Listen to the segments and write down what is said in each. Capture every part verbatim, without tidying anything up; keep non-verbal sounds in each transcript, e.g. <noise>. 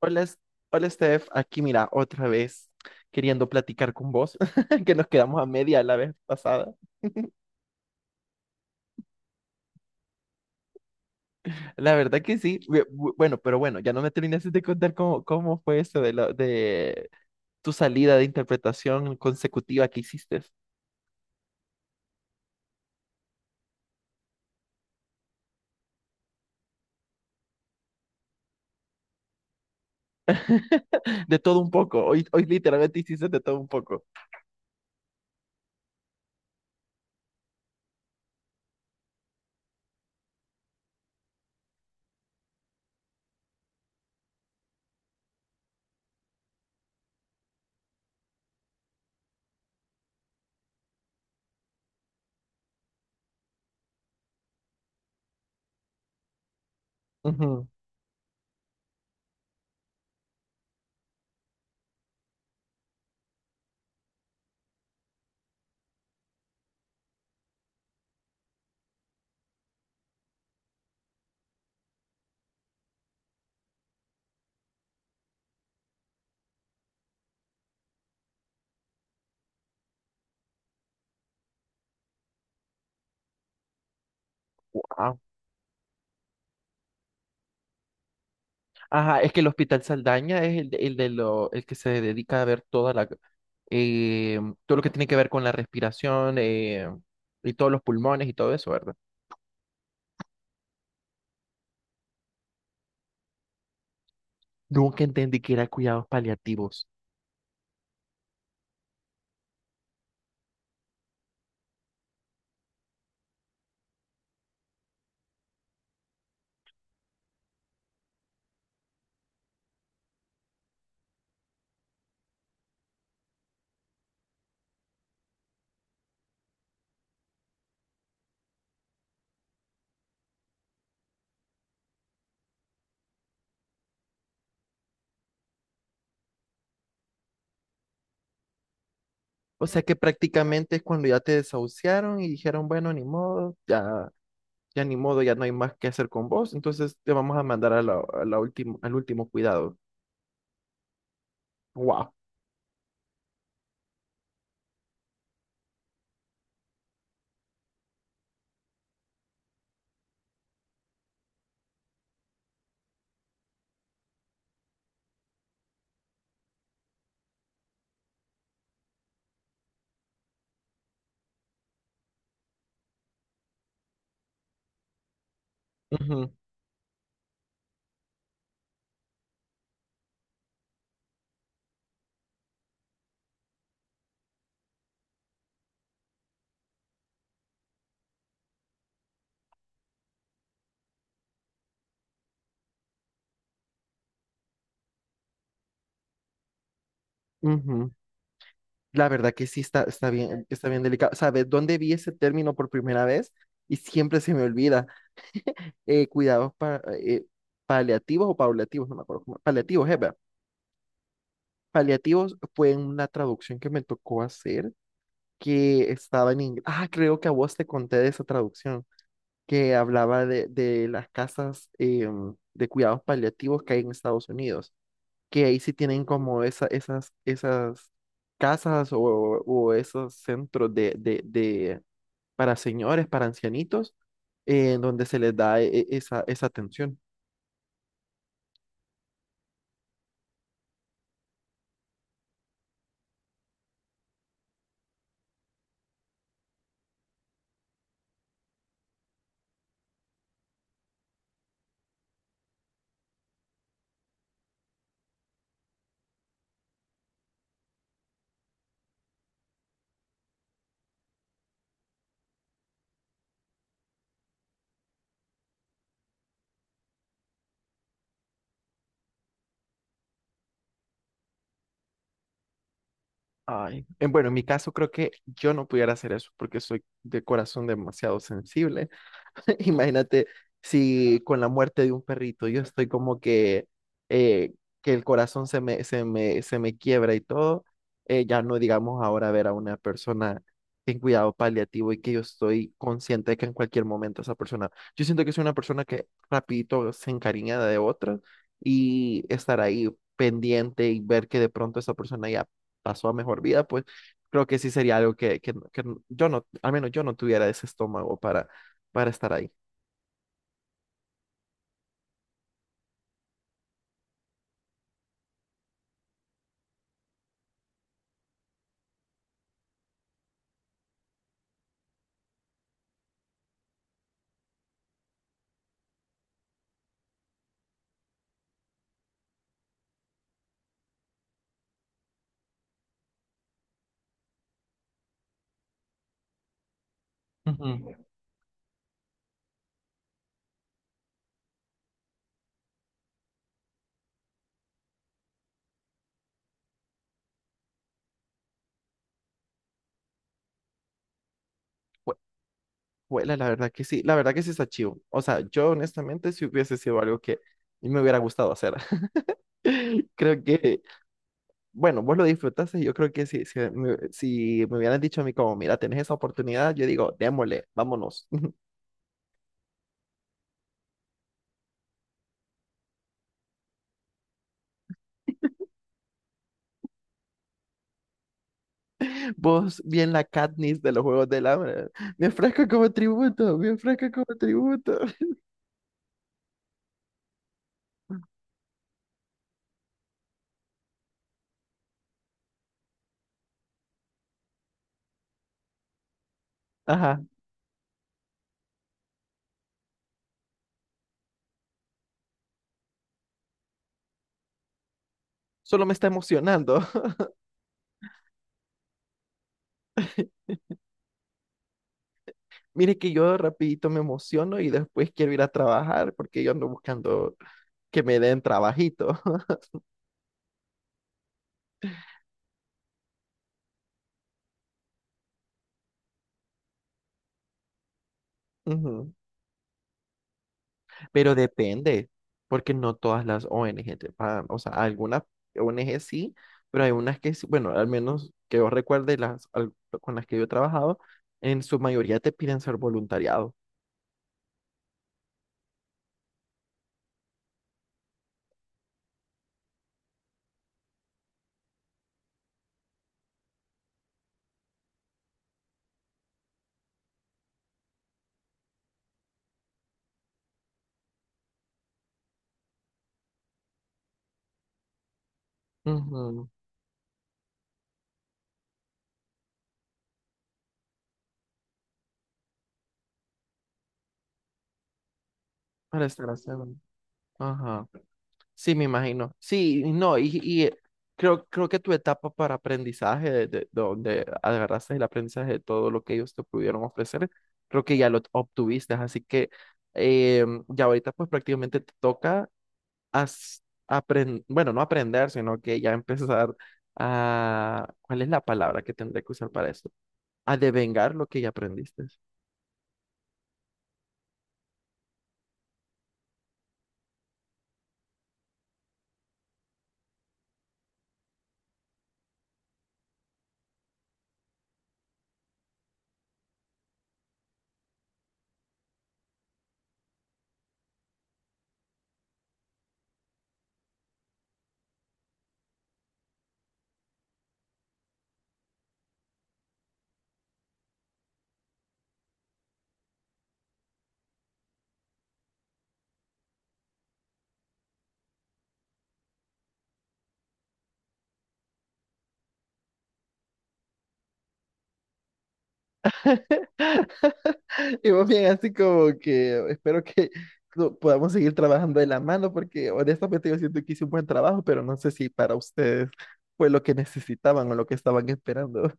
Hola, Es- hola Steph, aquí mira, otra vez queriendo platicar con vos, <laughs> que nos quedamos a media la vez pasada. La verdad que sí, bu- bu- bueno, pero bueno, ya no me terminaste de contar cómo, cómo fue eso de, la, de tu salida de interpretación consecutiva que hiciste. <laughs> De todo un poco, hoy, hoy literalmente hiciste de todo un poco. Ujú. Wow. Ajá, es que el Hospital Saldaña es el, de- el, de lo, el que se dedica a ver toda la, eh, todo lo que tiene que ver con la respiración, eh, y todos los pulmones y todo eso, ¿verdad? Nunca entendí que era cuidados paliativos. O sea que prácticamente es cuando ya te desahuciaron y dijeron, bueno, ni modo, ya, ya ni modo, ya no hay más que hacer con vos, entonces te vamos a mandar a la, a la última- al último cuidado. Wow. Ujú, ujú. La verdad que sí está, está bien, está bien delicado. ¿Sabes dónde vi ese término por primera vez? Y siempre se me olvida. eh, cuidados pa- eh, paliativos o paliativos, no me acuerdo cómo, paliativos, es verdad. Paliativos fue una traducción que me tocó hacer que estaba en inglés. Ah, creo que a vos te conté de esa traducción que hablaba de, de las casas em, de cuidados paliativos que hay en Estados Unidos, que ahí sí tienen como esa, esas, esas casas o, o esos centros de, de, de, para señores, para ancianitos, eh, en donde se les da e- e- esa, esa atención. Ay, eh, bueno, en mi caso creo que yo no pudiera hacer eso porque soy de corazón demasiado sensible. <laughs> Imagínate si con la muerte de un perrito yo estoy como que, eh, que el corazón se me, se me, se me quiebra y todo, eh, ya no digamos ahora ver a una persona en cuidado paliativo y que yo estoy consciente de que en cualquier momento esa persona, yo siento que soy una persona que rapidito se encariña de otra y estar ahí pendiente y ver que de pronto esa persona ya pasó a mejor vida, pues creo que sí sería algo que, que, que yo no, al menos yo no tuviera ese estómago para, para estar ahí. Ujú. Hue- Huela, la verdad que sí, la verdad que sí está chido. O sea, yo honestamente sí hubiese sido algo que me hubiera gustado hacer. <laughs> Creo que, bueno, vos lo disfrutaste, yo creo que si, si, me, si me hubieran dicho a mí como, mira, tenés esa oportunidad, yo digo, démosle, vámonos. <laughs> Vos, bien la Katniss de los Juegos del Hambre, me ofrezco como tributo, me ofrezco como tributo. <laughs> Ajá. Solo me está emocionando. <laughs> Mire que yo rapidito me emociono y después quiero ir a trabajar porque yo ando buscando que me den trabajito. <laughs> Ujú. Pero depende, porque no todas las O N G te pagan. O sea, algunas O N G sí, pero hay unas que, sí- bueno, al menos que yo recuerde las al- con las que yo he trabajado, en su mayoría te piden ser voluntariado. Ujú. Para estar haciendo. Sí, me imagino. Sí, no, y, y eh, creo, creo que tu etapa para aprendizaje, de, de donde agarraste el aprendizaje de todo lo que ellos te pudieron ofrecer, creo que ya lo obtuviste. Así que eh, ya ahorita pues prácticamente te toca as- apren- bueno, no aprender, sino que ya empezar a, ¿cuál es la palabra que tendré que usar para eso? A devengar lo que ya aprendiste. Y más bien así como que espero que lo- podamos seguir trabajando de la mano porque honestamente yo siento que hice un buen trabajo, pero no sé si para ustedes fue lo que necesitaban o lo que estaban esperando.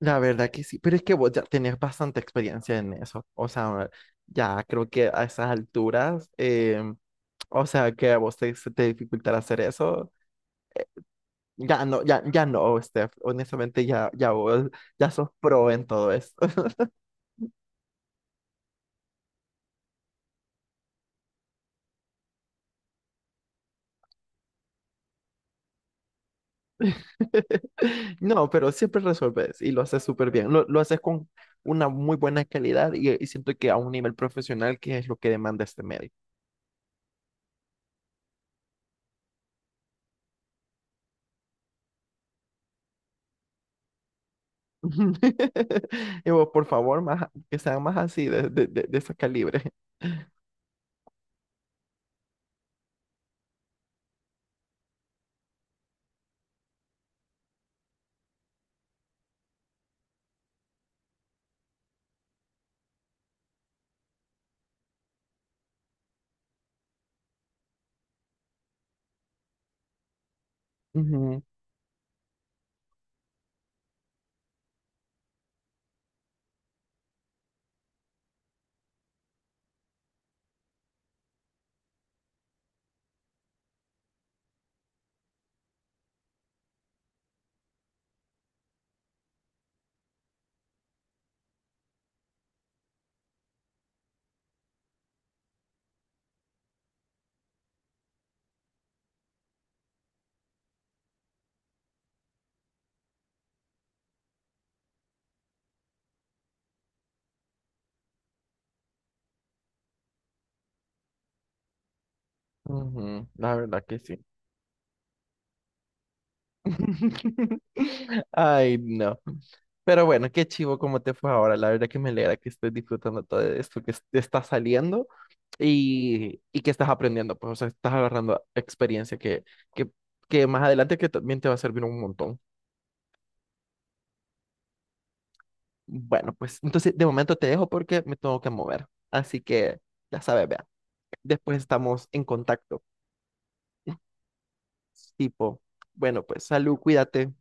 La verdad que sí, pero es que vos ya tenés bastante experiencia en eso. O sea, ya creo que a esas alturas, eh, o sea, que a vos te, se te dificultará hacer eso. Ya no, ya, ya no, Steph. Honestamente, ya, ya vos, ya sos pro en todo. <laughs> No, pero siempre resolves y lo haces súper bien. Lo, lo haces con una muy buena calidad y, y siento que a un nivel profesional que es lo que demanda este medio. <laughs> Y vos, por favor, más, que sean más así, de, de, de, de ese calibre. Ujú, ujú, la verdad que sí. <laughs> Ay, no. Pero bueno, qué chivo cómo te fue ahora. La verdad que me alegra que estés disfrutando todo esto que es- te está saliendo. Y, y que estás aprendiendo, pues, o sea, estás agarrando experiencia que, que, que más adelante que también te va a servir un montón. Bueno, pues entonces de momento te dejo porque me tengo que mover. Así que ya sabes, vea. Después estamos en contacto. Tipo, bueno, pues salud, cuídate.